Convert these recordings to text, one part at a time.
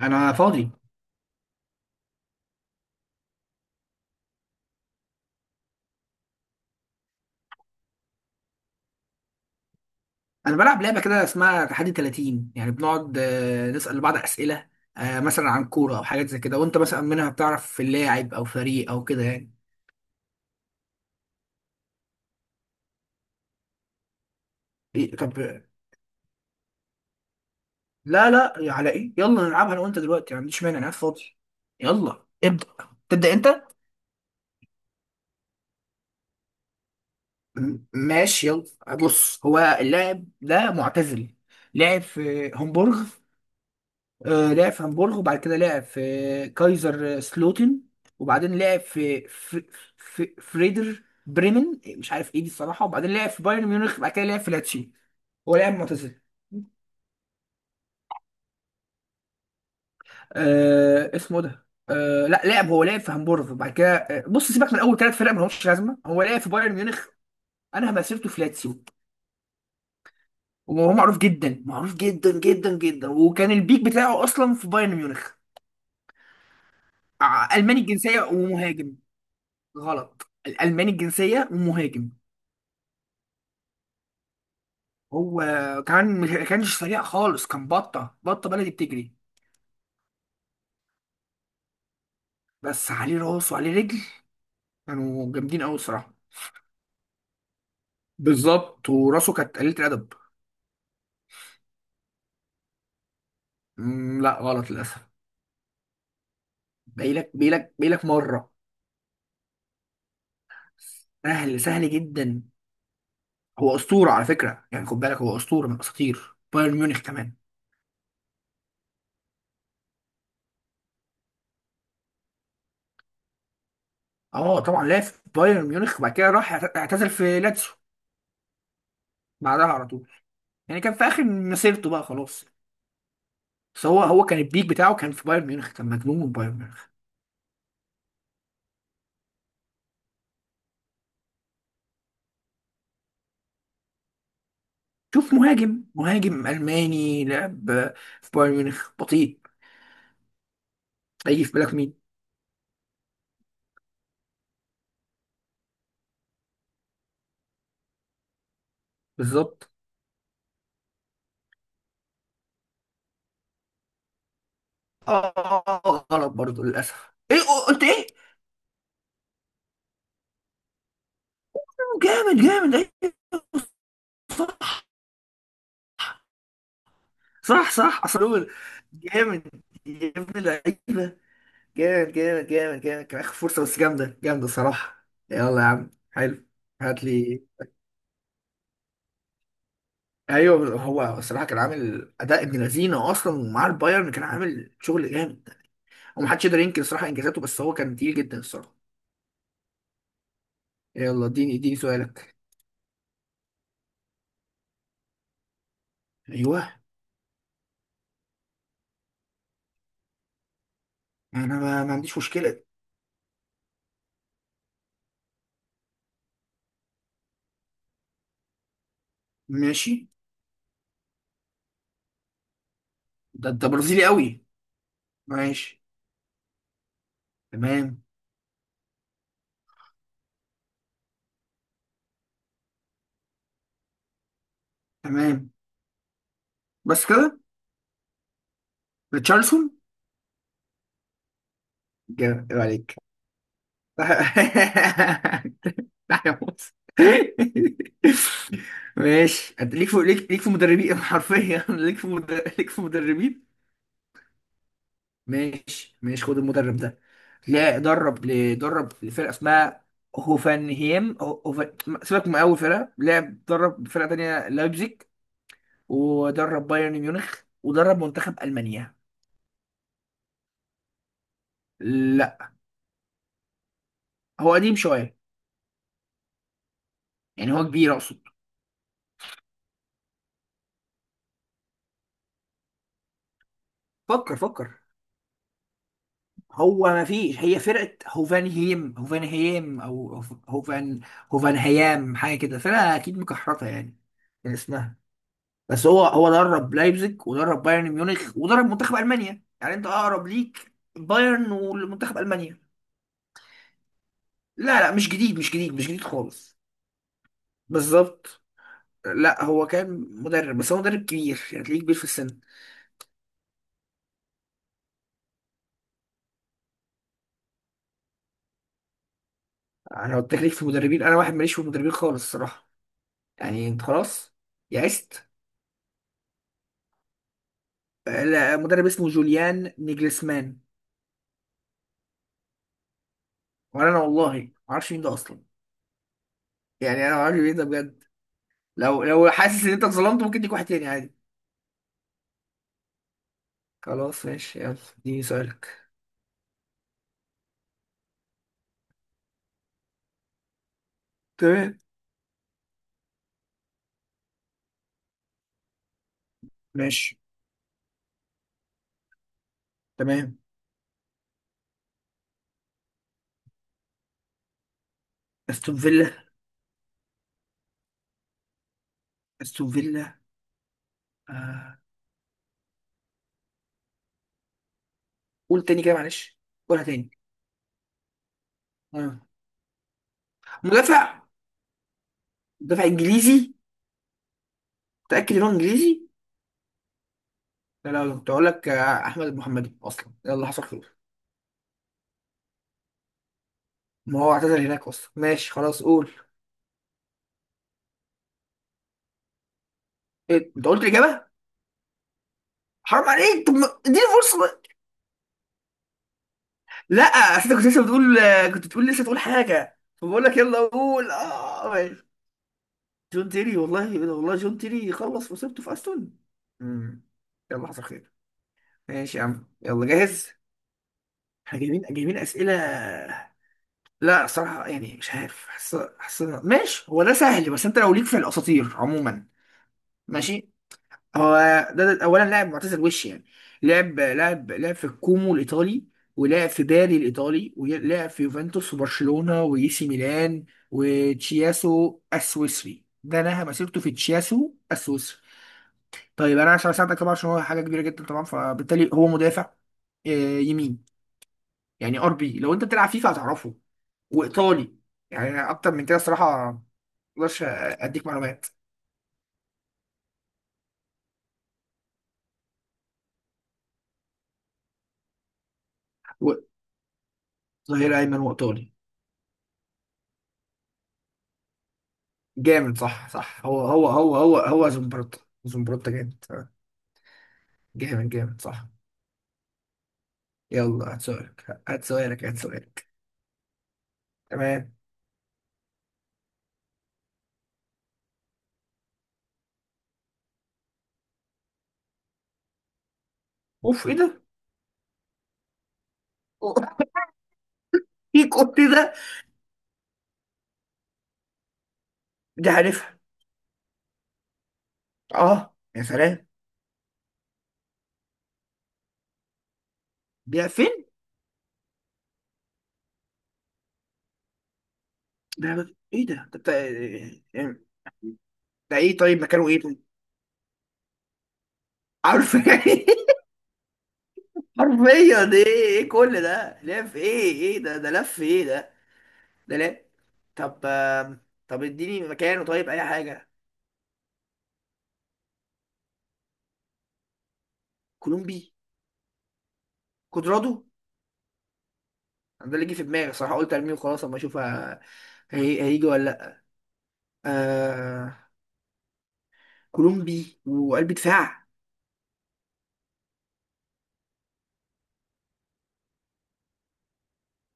انا فاضي. انا بلعب لعبه كده اسمها تحدي 30، يعني بنقعد نسال بعض اسئله، مثلا عن كوره او حاجات زي كده، وانت مثلا منها بتعرف اللاعب او فريق او كده يعني. إيه طب، لا لا، على ايه، يلا نلعبها انا وانت دلوقتي. ما عنديش مانع، انا قاعد فاضي. يلا ابدا، تبدا انت. ماشي يلا. بص، هو اللاعب ده معتزل، لعب في هومبورغ. لعب في هامبورغ وبعد كده لعب في كايزر سلوتن، وبعدين لعب في في فريدر بريمن، مش عارف ايه دي الصراحه، وبعدين لعب في بايرن ميونخ وبعد كده لعب في لاتشي. هو لاعب معتزل. اسمه ده، لا، هو لعب في هامبورغ وبعد كده، بص سيبك من اول ثلاث فرق ما لهمش لازمه، هو لعب في بايرن ميونخ. انا مسيرته في لاتسيو، وهو معروف جدا، معروف جدا جدا جدا، وكان البيك بتاعه اصلا في بايرن ميونخ. الماني الجنسيه ومهاجم. غلط، الألماني الجنسية ومهاجم. هو كان ما كانش سريع خالص، كان بطة بطة بلدي بتجري، بس عليه راس وعليه رجل. كانوا جامدين أوي الصراحة. بالظبط، وراسه كانت قليلة الأدب. مم، لا غلط للأسف. باقيلك مرة. سهل سهل جدا. هو أسطورة على فكرة، يعني خد بالك، هو أسطورة من الأساطير بايرن ميونخ كمان. اه طبعا لعب في بايرن ميونخ وبعد كده راح اعتزل في لاتسيو بعدها على طول، يعني كان في آخر مسيرته بقى خلاص، بس هو كان البيك بتاعه كان في بايرن ميونخ، كان مجنون من بايرن ميونخ. شوف، مهاجم ألماني لعب في بايرن ميونخ، بطيء، هيجي في بالك مين؟ بالظبط. اه غلط برضه للأسف. ايه، قلت ايه؟ جامد جامد، ايه؟ صح صح، اصل هو جامد يا ابن اللعيبة. جامد جامد جامد جامد، كان آخر فرصة بس جامدة جامدة صراحة. يلا يا عم حلو، هات لي. ايوه، هو الصراحة كان عامل أداء ابن لذينة أصلا، ومع البايرن كان عامل شغل جامد. هو محدش يقدر ينكر الصراحه انجازاته، بس هو كان تقيل جدا الصراحه. يلا اديني سؤالك. ايوه، انا ما عنديش مشكله. ماشي. ده انت برازيلي قوي. ماشي. تمام. تمام. بس كده؟ ريتشارلسون. جامد، عيب عليك. لا يا موسى. ماشي، انت ليك في، ليك في مدربين حرفيا. ليك في مدربين. ماشي ماشي، خد المدرب ده. لا درب، درب فرقه اسمها هوفنهيم، سيبك من اول فرقه لعب، درب فرقه تانية لايبزيج، ودرب بايرن ميونخ، ودرب منتخب المانيا. لا، هو قديم شويه، يعني هو كبير اقصد. فكر فكر. هو ما فيش، هي فرقه هوفنهيم او هوفن هوفنهيام حاجه كده، فرقه اكيد مكحرته يعني من اسمها، بس هو درب لايبزيج ودرب بايرن ميونخ ودرب منتخب المانيا، يعني انت اقرب ليك بايرن والمنتخب المانيا. لا لا، مش جديد مش جديد مش جديد خالص. بالظبط. لا هو كان مدرب، بس هو مدرب كبير، يعني تلاقيه كبير في السن. انا قلت لك ليك في المدربين، انا واحد ماليش في المدربين خالص الصراحه. يعني انت خلاص يئست. لا، مدرب اسمه جوليان نيجلسمان. أنا والله ما اعرفش مين ده اصلا، يعني انا ما اعرفش مين ده بجد. لو حاسس ان انت اتظلمت، ممكن تيجي واحد تاني عادي. خلاص ماشي، يلا اديني سؤالك. تمام. ماشي. تمام. استون فيلا، استون فيلا. آه. قول تاني كده معلش، قولها تاني. آه. مدافع مدافع. انجليزي؟ متأكد ان هو انجليزي؟ لا لا لا، كنت اقول لك احمد المحمدي اصلا، يلا حصل خير. ما هو اعتزل هناك اصلا، ماشي خلاص قول. إيه؟ انت قلت الاجابه، حرام عليك، طب اديني فرصه بقى. لا، اصل انت كنت لسه بتقول كنت بتقول لسه تقول حاجه، فبقول لك يلا قول، اه ماشي. جون تيري، والله والله جون تيري خلص وسبته في استون. مم. يلا حصل خير. ماشي يا عم، يلا جاهز. احنا جايبين اسئله. لا صراحه يعني مش عارف، حاسس ماشي هو ده سهل، بس انت لو ليك في الاساطير عموما. ماشي. هو ده اولا لاعب معتزل وش يعني. لعب في الكومو الايطالي، ولعب في باري الايطالي، ولعب في يوفنتوس وبرشلونه واي سي ميلان وتشياسو السويسري. ده نهى مسيرته في تشياسو السويسري. طيب انا عشان اساعدك طبعا، عشان هو حاجه كبيره جدا طبعا، فبالتالي هو مدافع، آه، يمين. يعني ار بي، لو انت بتلعب فيفا هتعرفه، وايطالي. يعني أنا اكتر من كده الصراحه مقدرش اديك معلومات. و- ظهير ايمن وايطالي. جامد صح صح، هو زمبروتا زمبروتا جامد. جامد جامد صح. يلا هات سؤالك هات سؤالك هات سؤالك. تمام. اوف ايه ده. أو- ايه كنت ده. دي عارفها. اه يا سلام. ده فين؟ ده ايه؟ ده ده ده ايه طيب، مكانه ايه طيب، عارف يعني. حرفيا ايه، كل ده لف، ايه ده لف ايه ده. ده لا. طب طب اديني مكانه طيب، اي حاجه. كولومبي، كودرادو. أنا ده اللي جه في دماغي الصراحه، قلت ارميه وخلاص اما اشوف، هيجي ولا لا. آه كولومبي وقلب دفاع.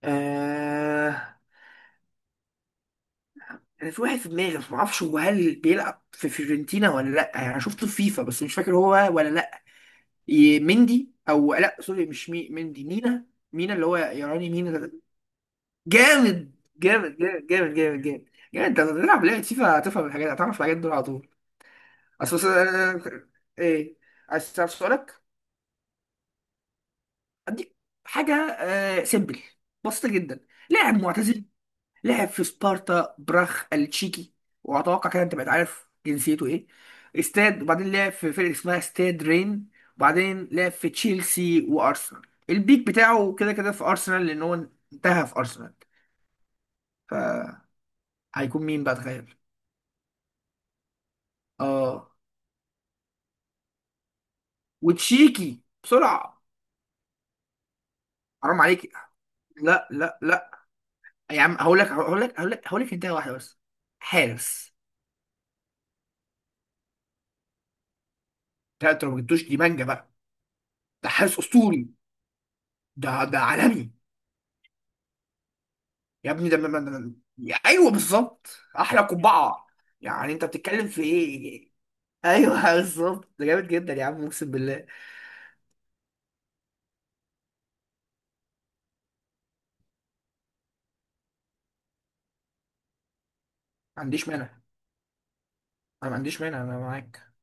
آه انا في واحد في دماغي بس ما اعرفش هو، هل بيلعب في فيورنتينا ولا لا، يعني انا شفته في فيفا بس مش فاكر هو ولا لا. مندي، او لا سوري مش مندي، مينا. مينا اللي هو يراني مينا. جامد جامد جامد جامد جامد جامد. جامد، انت بتلعب لعبة فيفا هتفهم الحاجات، هتعرف الحاجات دول على طول. اصل بس، ايه، عايز تعرف سؤالك؟ اديك حاجة سيمبل، بسيطة جدا. لاعب معتزل لعب في سبارتا براخ التشيكي، واتوقع كده انت بقيت عارف جنسيته ايه. استاد، وبعدين لعب في فرقة اسمها استاد رين، وبعدين لعب في تشيلسي وارسنال. البيك بتاعه كده كده في ارسنال، لان هو انتهى في ارسنال، فهيكون مين بقى، تخيل. اه، وتشيكي بسرعه. حرام عليك، لا لا لا يا عم، هقول لك انتهى واحده بس، حارس. لا انت لو ما جبتوش دي مانجا بقى، ده حارس اسطوري، ده عالمي، يا ابني ده. ايوه بالظبط. احلى قبعه، يعني انت بتتكلم في ايه. ايوه بالظبط، ده جامد جدا يا عم اقسم بالله. ما عنديش مانع، انا ما عنديش مانع، انا معاك.